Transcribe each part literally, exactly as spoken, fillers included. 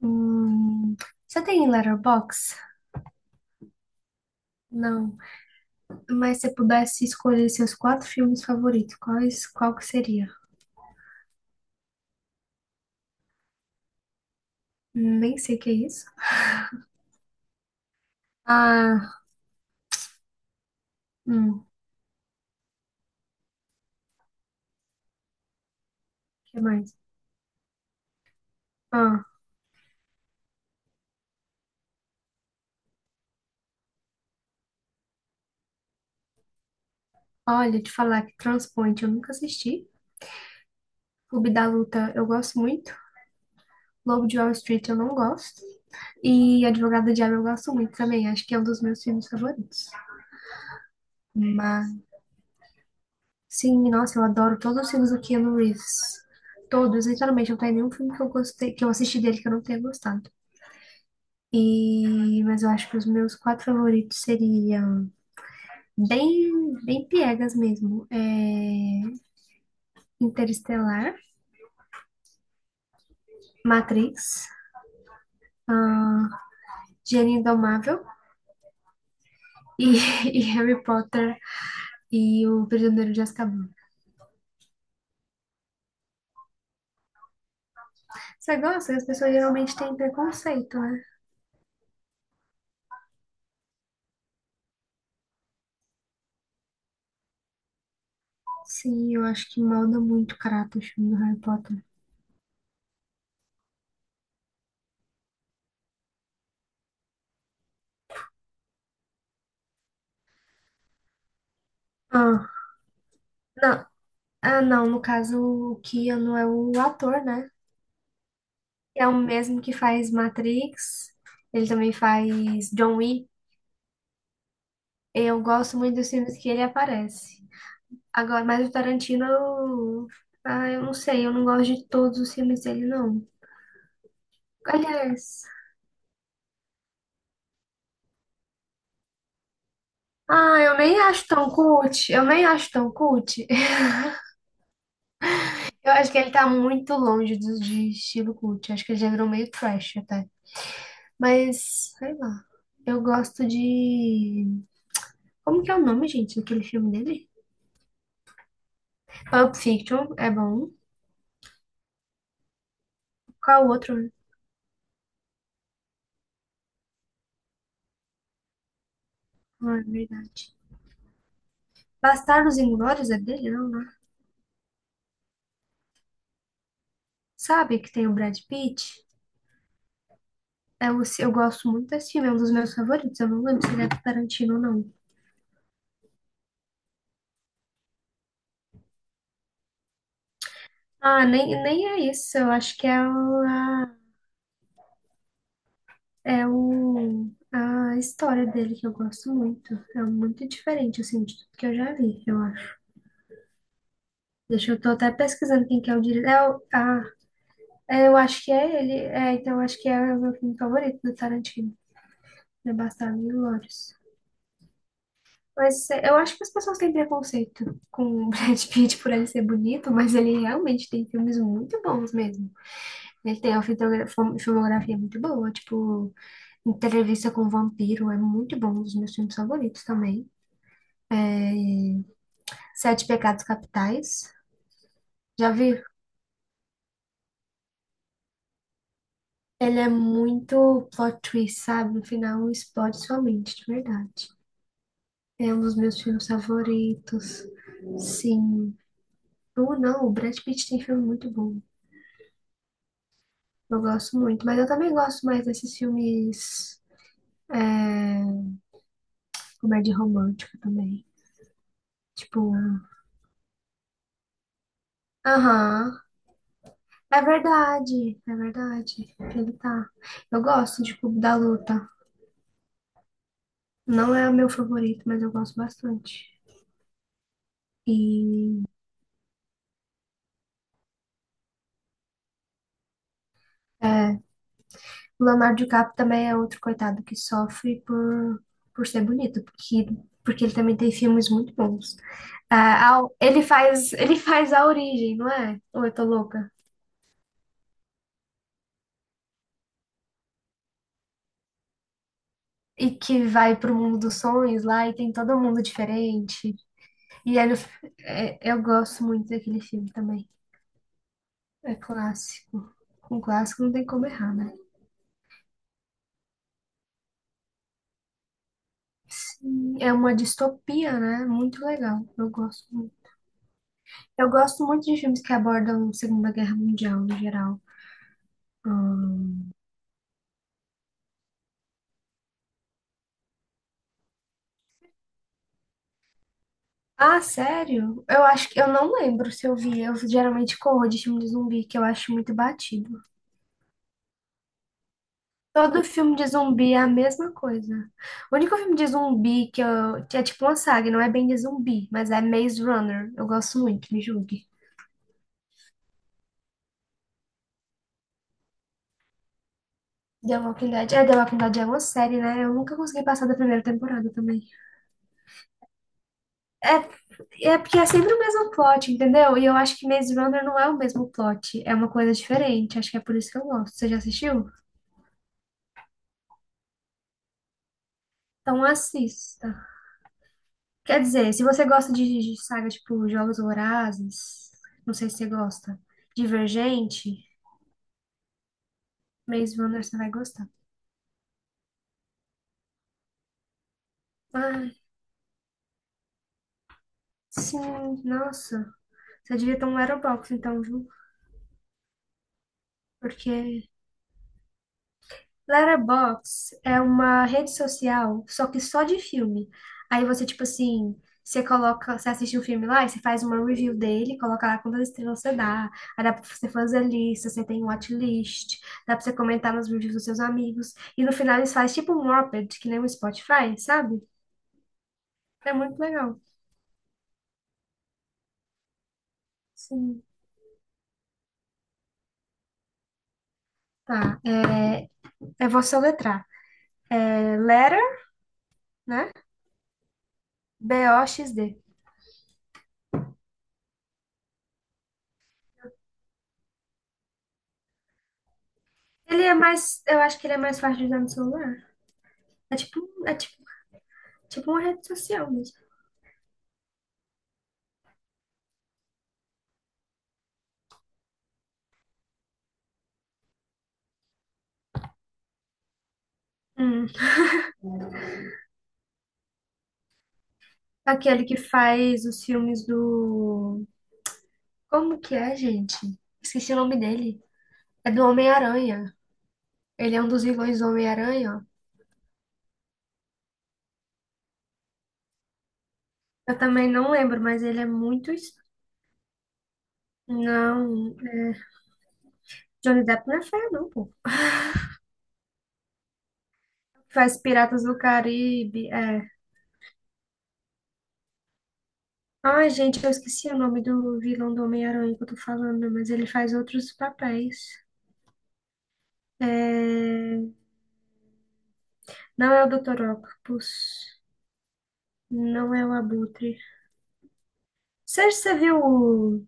Hum, você tem Letterboxd? Não. Mas se pudesse escolher seus quatro filmes favoritos, quais, qual que seria? Hum, Nem sei o que é isso. Ah, hum, o que mais? Ah, olha, te falar que Transpoint eu nunca assisti. Clube da Luta eu gosto muito. Lobo de Wall Street eu não gosto. E Advogado do Diabo eu gosto muito também. Acho que é um dos meus filmes favoritos. Mas sim, nossa, eu adoro todos os filmes do Keanu Reeves. Todos, literalmente, não tem nenhum filme que eu gostei, que eu assisti dele que eu não tenha gostado. E, mas eu acho que os meus quatro favoritos seriam bem, bem piegas mesmo. É, Interestelar, Matrix, ah, Gênio Indomável e, e Harry Potter e o Prisioneiro de Azkaban. Você gosta? As pessoas geralmente têm preconceito, né? Sim, eu acho que molda muito o caráter o filme do Harry Potter. Ah, não, ah, não, no caso o Keanu é o ator, né? É o mesmo que faz Matrix, ele também faz John Wick. Eu gosto muito dos filmes que ele aparece. Agora, mas o Tarantino, eu- ah, eu não sei, eu não gosto de todos os filmes dele, não. Aliás, ah, eu nem acho tão cult, eu nem acho tão cult. Eu acho que ele tá muito longe do, de estilo cult, acho que ele já virou meio trash até. Mas, sei lá, eu gosto de como que é o nome, gente, daquele filme dele? Pulp Fiction, é bom. Qual o outro? Não, é verdade. Bastardos Inglórios é dele, não, né? Sabe que tem o Brad Pitt? É o, eu gosto muito desse filme, é um dos meus favoritos. Eu não lembro se ele é do Tarantino ou não. Ah, nem, nem é isso. Eu acho que é o, é o, a história dele que eu gosto muito. É muito diferente, assim, de tudo que eu já vi, eu acho. Deixa eu tô até pesquisando quem que é o diretor. É o, ah, É, eu acho que é ele. É, então eu acho que é o meu filme favorito do Tarantino. É Bastardos Inglórios. Mas é, eu acho que as pessoas têm preconceito com o Brad Pitt por ele ser bonito, mas ele realmente tem filmes muito bons mesmo. Ele tem uma fitogra- fom- filmografia muito boa, tipo Entrevista com o Vampiro, é muito bom, um dos meus filmes favoritos também. Sete Pecados Capitais, já viu? Ele é muito plot twist, sabe? No final explode sua mente, de verdade. É um dos meus filmes favoritos. Sim. Ou não, o Brad Pitt tem filme muito bom. Eu gosto muito. Mas eu também gosto mais desses filmes. É, comédia romântica também. Tipo. Aham. É verdade. É verdade. Ele tá. Eu gosto de Clube da Luta. Não é o meu favorito, mas eu gosto bastante. E. É, o Leonardo DiCaprio também é outro coitado que sofre por, por ser bonito, porque, porque ele também tem filmes muito bons. A- a- ele faz, ele faz, a origem, não é? Ou eu tô louca? E que vai pro mundo dos sonhos lá e tem todo mundo diferente. E ele, é- eu gosto muito daquele filme também. É clássico. Com clássico não tem como errar, né? Sim, é uma distopia, né? Muito legal. Eu gosto muito. Eu gosto muito de filmes que abordam a Segunda Guerra Mundial, no geral. Ah, sério? Eu acho que eu não lembro se eu vi. Eu geralmente corro de filme de zumbi, que eu acho muito batido. Todo filme de zumbi é a mesma coisa. O único filme de zumbi que, eu, que é tipo uma saga, não é bem de zumbi, mas é Maze Runner. Eu gosto muito, me julgue. The Walking Dead. É, The Walking Dead é uma série, né? Eu nunca consegui passar da primeira temporada também. É, é porque é sempre o mesmo plot, entendeu? E eu acho que Maze Runner não é o mesmo plot. É uma coisa diferente. Acho que é por isso que eu gosto. Você já assistiu? Então assista. Quer dizer, se você gosta de, de saga tipo Jogos Vorazes, não sei se você gosta, Divergente. Maze Runner você vai gostar. Ai, sim, nossa. Você devia ter um Letterboxd então, viu? Porque Letterboxd é uma rede social, só que só de filme. Aí você, tipo assim, você coloca, você assiste um filme lá e você faz uma review dele, coloca lá quantas estrelas você dá. Aí dá pra você fazer lista, você tem watchlist, dá pra você comentar nos reviews dos seus amigos. E no final eles fazem tipo um Wrapped, que nem o Spotify, sabe? É muito legal. Sim. Tá, é, eu vou soletrar. É Lera, né? B-O-X-D. Ele é mais. Eu acho que ele é mais fácil de usar no celular. É tipo, é tipo, tipo uma rede social mesmo. Hum. Aquele que faz os filmes do. Como que é, gente? Esqueci o nome dele. É do Homem-Aranha. Ele é um dos vilões do Homem-Aranha, ó. Eu também não lembro, mas ele é muito. Es- Não. Johnny Depp não é feio, não, pô. Faz Piratas do Caribe. É... Ai, gente, eu esqueci o nome do vilão do Homem-Aranha que eu tô falando, mas ele faz outros papéis. É... Não é o doutor Octopus, não é o Abutre. Você, você viu o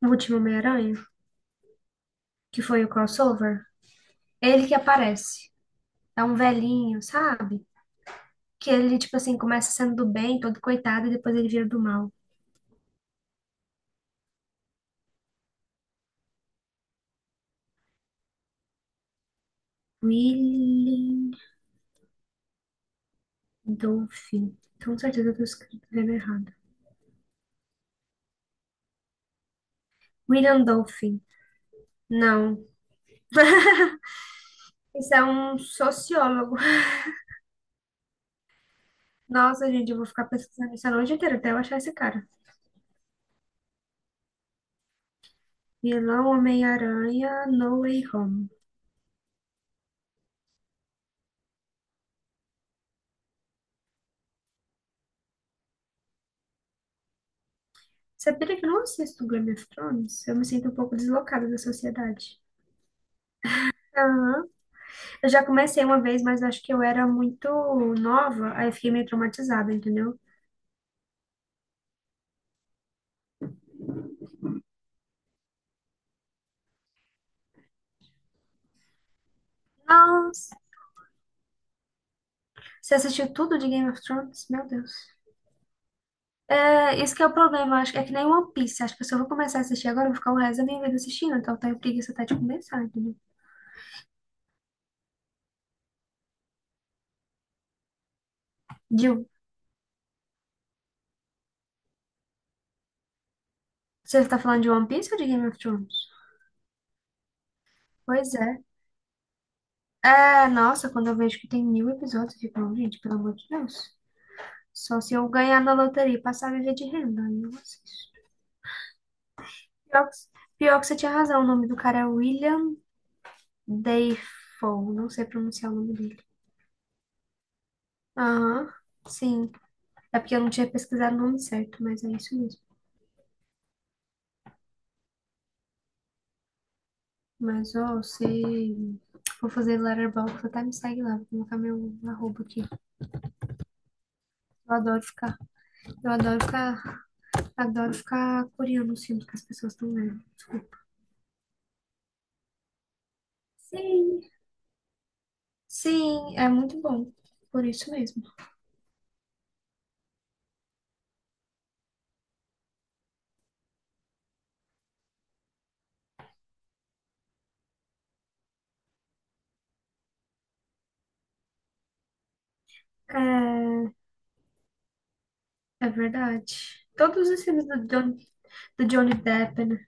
o último Homem-Aranha, que foi o crossover? Ele que aparece. É um velhinho, sabe? Que ele, tipo assim, começa sendo do bem, todo coitado, e depois ele vira do mal. William Dolphin. Então, com certeza eu tô escrevendo errado. William Dolphin. Não. Isso é um sociólogo. Nossa, gente, eu vou ficar pesquisando isso a noite inteira até eu achar esse cara. Vilão Homem-Aranha, No Way Home. Sabia que eu não assisto Game of Thrones? Eu me sinto um pouco deslocada da sociedade. Aham. Eu já comecei uma vez, mas acho que eu era muito nova, aí eu fiquei meio traumatizada, entendeu? Nossa, você assistiu tudo de Game of Thrones? Meu Deus. É, isso que é o problema, acho que é que nem One Piece. Acho que se eu vou começar a assistir agora, eu vou ficar o resto da minha vida assistindo, então eu tenho preguiça até de começar, entendeu? Jill, você tá falando de One Piece ou de Game of Thrones? Pois é. É, nossa, quando eu vejo que tem mil episódios, eu fico, "Não, gente, pelo amor de Deus. Só se eu ganhar na loteria e passar a viver de renda, aí eu assisto. Pior que, pior que você tinha razão, o nome do cara é William Dafoe, não sei pronunciar o nome dele. Aham, sim. É porque eu não tinha pesquisado o nome certo, mas é isso mesmo. Mas, ó, você... Vou fazer Letterboxd, até me segue lá, vou colocar meu arroba aqui. Eu adoro ficar, eu adoro ficar, adoro ficar curiando os filmes que as pessoas estão vendo. Sim, sim, é muito bom. Por isso mesmo. É, é verdade. Todos os filmes do, John, do Johnny Depp, né?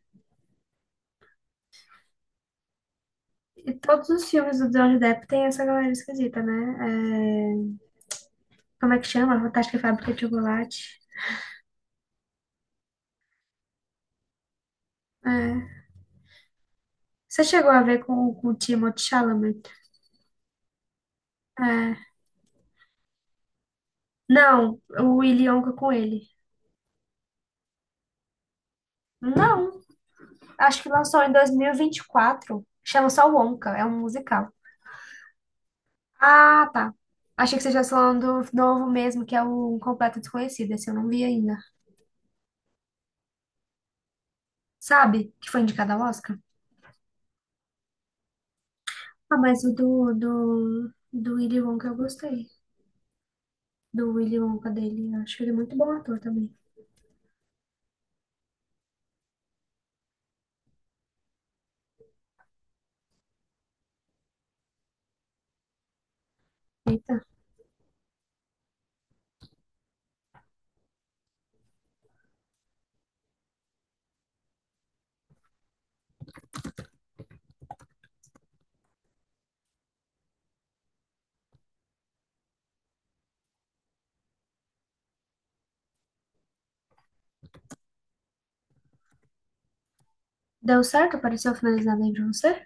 E todos os filmes do Johnny Depp tem essa galera esquisita, né? É, como é que chama? Fantástica Fábrica de Chocolate. É. Você chegou a ver com, com o Timothée Chalamet? É. Não, o Willy Wonka com ele. Não, acho que lançou em dois mil e e vinte e quatro. Chama só Wonka, é um musical. Ah, tá. Achei que você já falando do novo mesmo, que é o Um Completo Desconhecido. Esse eu não vi ainda. Sabe? Que foi indicado ao Oscar? Ah, mas o do, do, do Willy Wonka eu gostei. Do Willy Wonka dele. Eu acho ele muito bom ator também. Eita. Deu certo? Apareceu finalizado aí pra você?